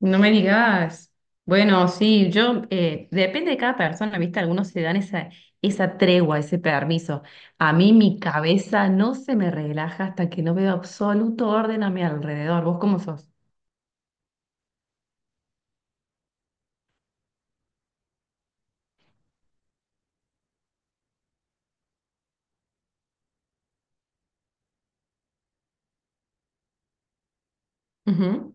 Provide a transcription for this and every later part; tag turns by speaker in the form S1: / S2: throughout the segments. S1: No me digas. Bueno, sí, yo, depende de cada persona, ¿viste? Algunos se dan esa, esa tregua, ese permiso. A mí mi cabeza no se me relaja hasta que no veo absoluto orden a mi alrededor. ¿Vos cómo sos? Ujú.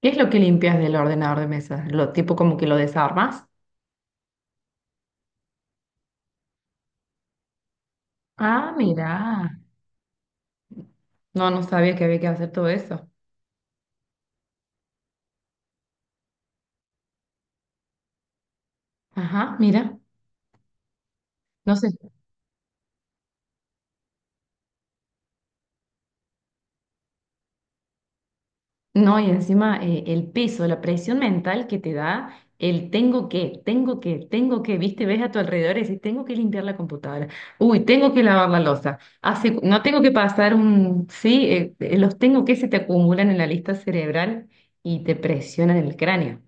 S1: ¿Qué es lo que limpias del ordenador de mesa? ¿Lo tipo como que lo desarmas? Ah, mira. No, no sabía que había que hacer todo eso. Ajá, mira. No sé. No, y encima el peso, la presión mental que te da el tengo que, viste, ves a tu alrededor y dices, tengo que limpiar la computadora, uy, tengo que lavar la loza, no tengo que pasar un, sí, los tengo que se te acumulan en la lista cerebral y te presionan el cráneo.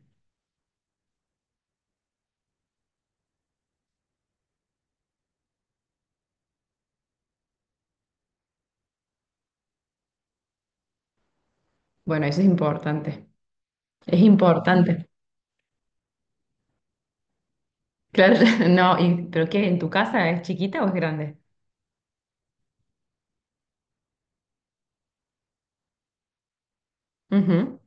S1: Bueno, eso es importante, es importante. Claro, no, y, pero ¿qué? ¿En tu casa es chiquita o es grande? Ujú.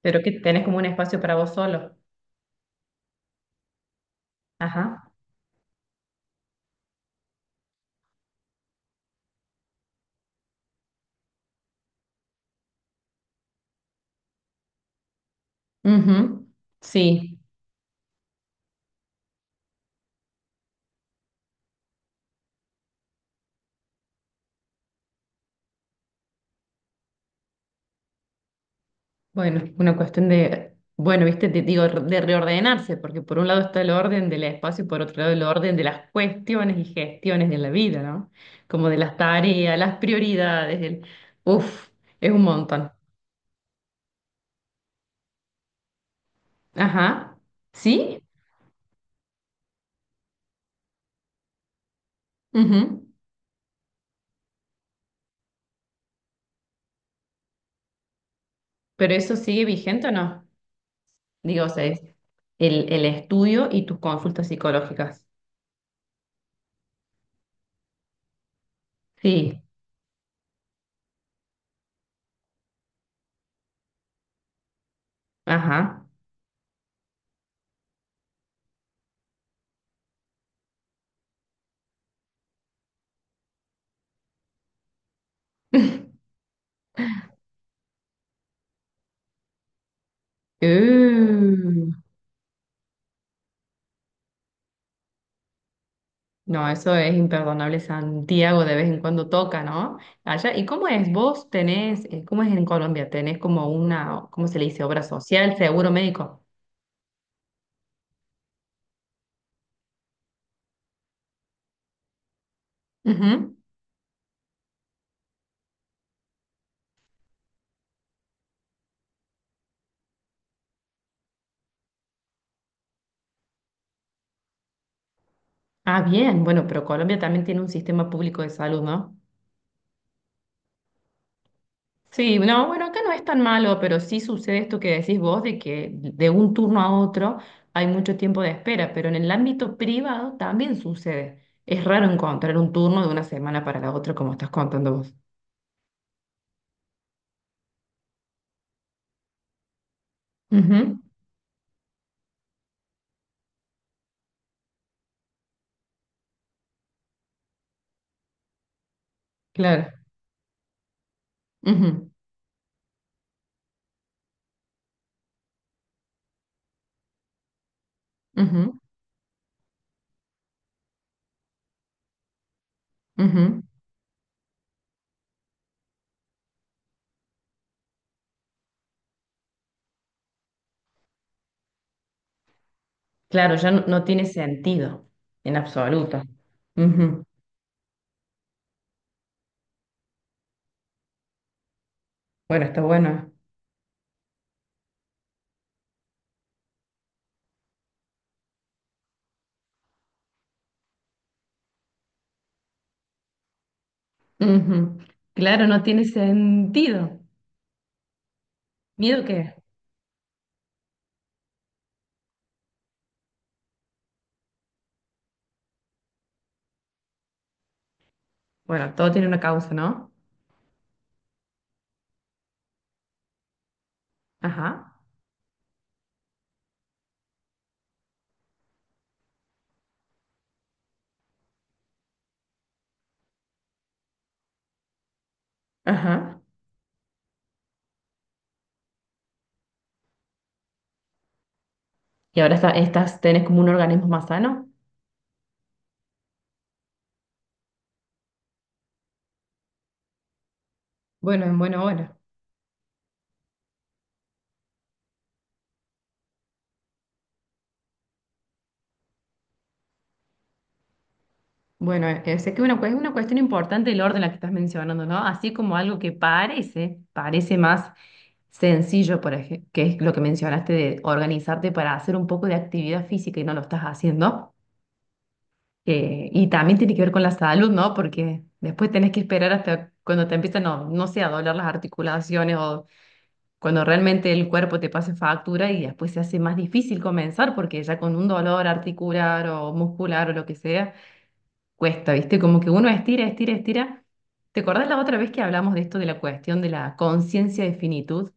S1: Pero que tenés como un espacio para vos solo. Ajá. Ujú. Sí. Bueno, una cuestión de, bueno, viste, te digo, de reordenarse, porque por un lado está el orden del espacio y por otro lado el orden de las cuestiones y gestiones de la vida, ¿no? Como de las tareas, las prioridades, el, uf, es un montón. Ajá, sí, ujú. ¿Pero eso sigue vigente o no? Digo, o sea, es el estudio y tus consultas psicológicas. Sí, ajá. Uh. No, eso es imperdonable. Santiago de vez en cuando toca, ¿no? Allá. ¿Y cómo es? ¿Vos tenés, cómo es en Colombia? ¿Tenés como una, cómo se le dice, obra social, seguro médico? Ujú. Ah, bien. Bueno, pero Colombia también tiene un sistema público de salud, ¿no? Sí, no, bueno, acá no es tan malo, pero sí sucede esto que decís vos de que de un turno a otro hay mucho tiempo de espera, pero en el ámbito privado también sucede. Es raro encontrar un turno de una semana para la otra, como estás contando vos. Ujú, claro. Ujú. Ujú, ujú. Claro, ya no, no tiene sentido en absoluto. Ujú. Bueno, está bueno. Ujú. Claro, no tiene sentido. ¿Miedo qué? Bueno, todo tiene una causa, ¿no? Ajá. Ajá. Y ahora estás, tenés como un organismo más sano. Bueno, en buena hora. Bueno, sé que una, es una cuestión importante el orden la que estás mencionando, ¿no? Así como algo que parece, parece más sencillo, por ejemplo, que es lo que mencionaste de organizarte para hacer un poco de actividad física y no lo estás haciendo. Que- y también tiene que ver con la salud, ¿no? Porque después tenés que esperar hasta cuando te empiezan, no, no sé, a doler las articulaciones o cuando realmente el cuerpo te pase factura y después se hace más difícil comenzar porque ya con un dolor articular o muscular o lo que sea cuesta, ¿viste? Como que uno estira, estira, estira. ¿Te acordás la otra vez que hablamos de esto, de la cuestión de la conciencia de finitud?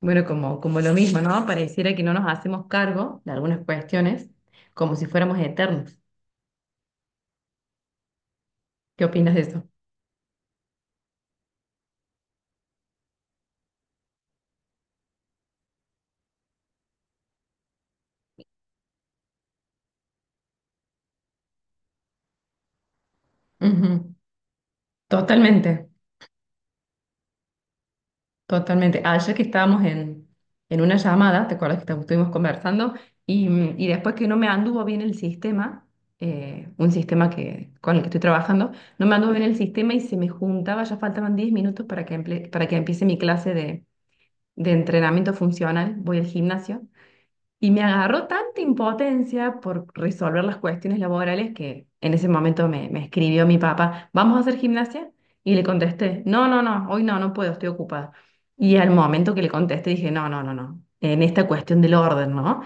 S1: Bueno, como, como lo mismo, ¿no? Pareciera que no nos hacemos cargo de algunas cuestiones como si fuéramos eternos. ¿Qué opinas de eso? Ujú, totalmente. Totalmente. Ah, ayer que estábamos en una llamada, ¿te acuerdas que estuvimos conversando? Y, mm, y después que no me anduvo bien el sistema, un sistema que, con el que estoy trabajando, no me anduvo bien el sistema y se me juntaba, ya faltaban 10 minutos para que, para que empiece mi clase de entrenamiento funcional. Voy al gimnasio y me agarró tanta impotencia por resolver las cuestiones laborales que en ese momento me, me escribió mi papá, ¿vamos a hacer gimnasia? Y le contesté, no, no, no, hoy no, no puedo, estoy ocupada. Y al momento que le contesté dije, no, no, no, no, en esta cuestión del orden, ¿no?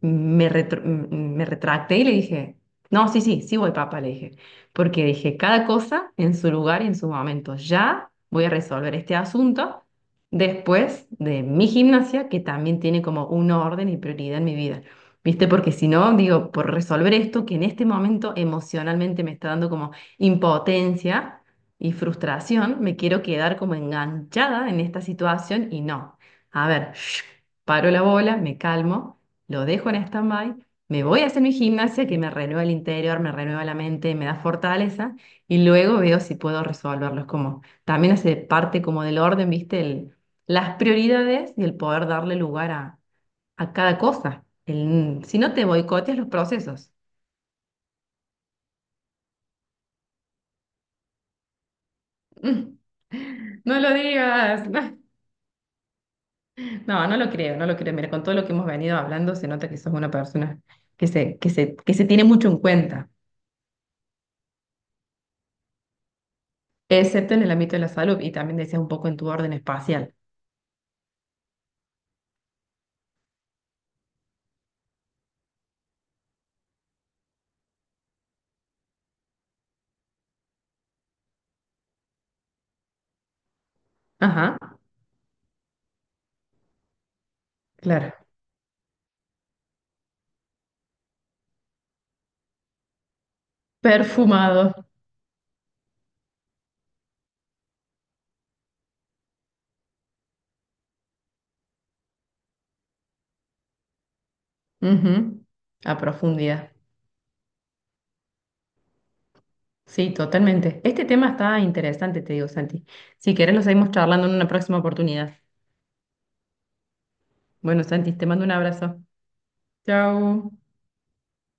S1: Me, me retracté y le dije, no, sí, sí, sí voy, papá, le dije, porque dije, cada cosa en su lugar y en su momento, ya voy a resolver este asunto después de mi gimnasia, que también tiene como un orden y prioridad en mi vida. ¿Viste? Porque si no, digo, por resolver esto que en este momento emocionalmente me está dando como impotencia y frustración, me quiero quedar como enganchada en esta situación y no. A ver, shh, paro la bola, me calmo, lo dejo en stand-by, me voy a hacer mi gimnasia que me renueva el interior, me renueva la mente, me da fortaleza y luego veo si puedo resolverlos. Es como, también hace parte como del orden, ¿viste? El, las prioridades y el poder darle lugar a cada cosa. Si no te boicoteas los procesos. Mm. No lo digas. No, no lo creo, no lo creo. Mira, con todo lo que hemos venido hablando, se nota que sos una persona que se tiene mucho en cuenta, excepto en el ámbito de la salud y también decías un poco en tu orden espacial. Ajá, claro. Perfumado. Ujú. A profundidad. Sí, totalmente. Este tema está interesante, te digo, Santi. Si querés, lo seguimos charlando en una próxima oportunidad. Bueno, Santi, te mando un abrazo. Chao.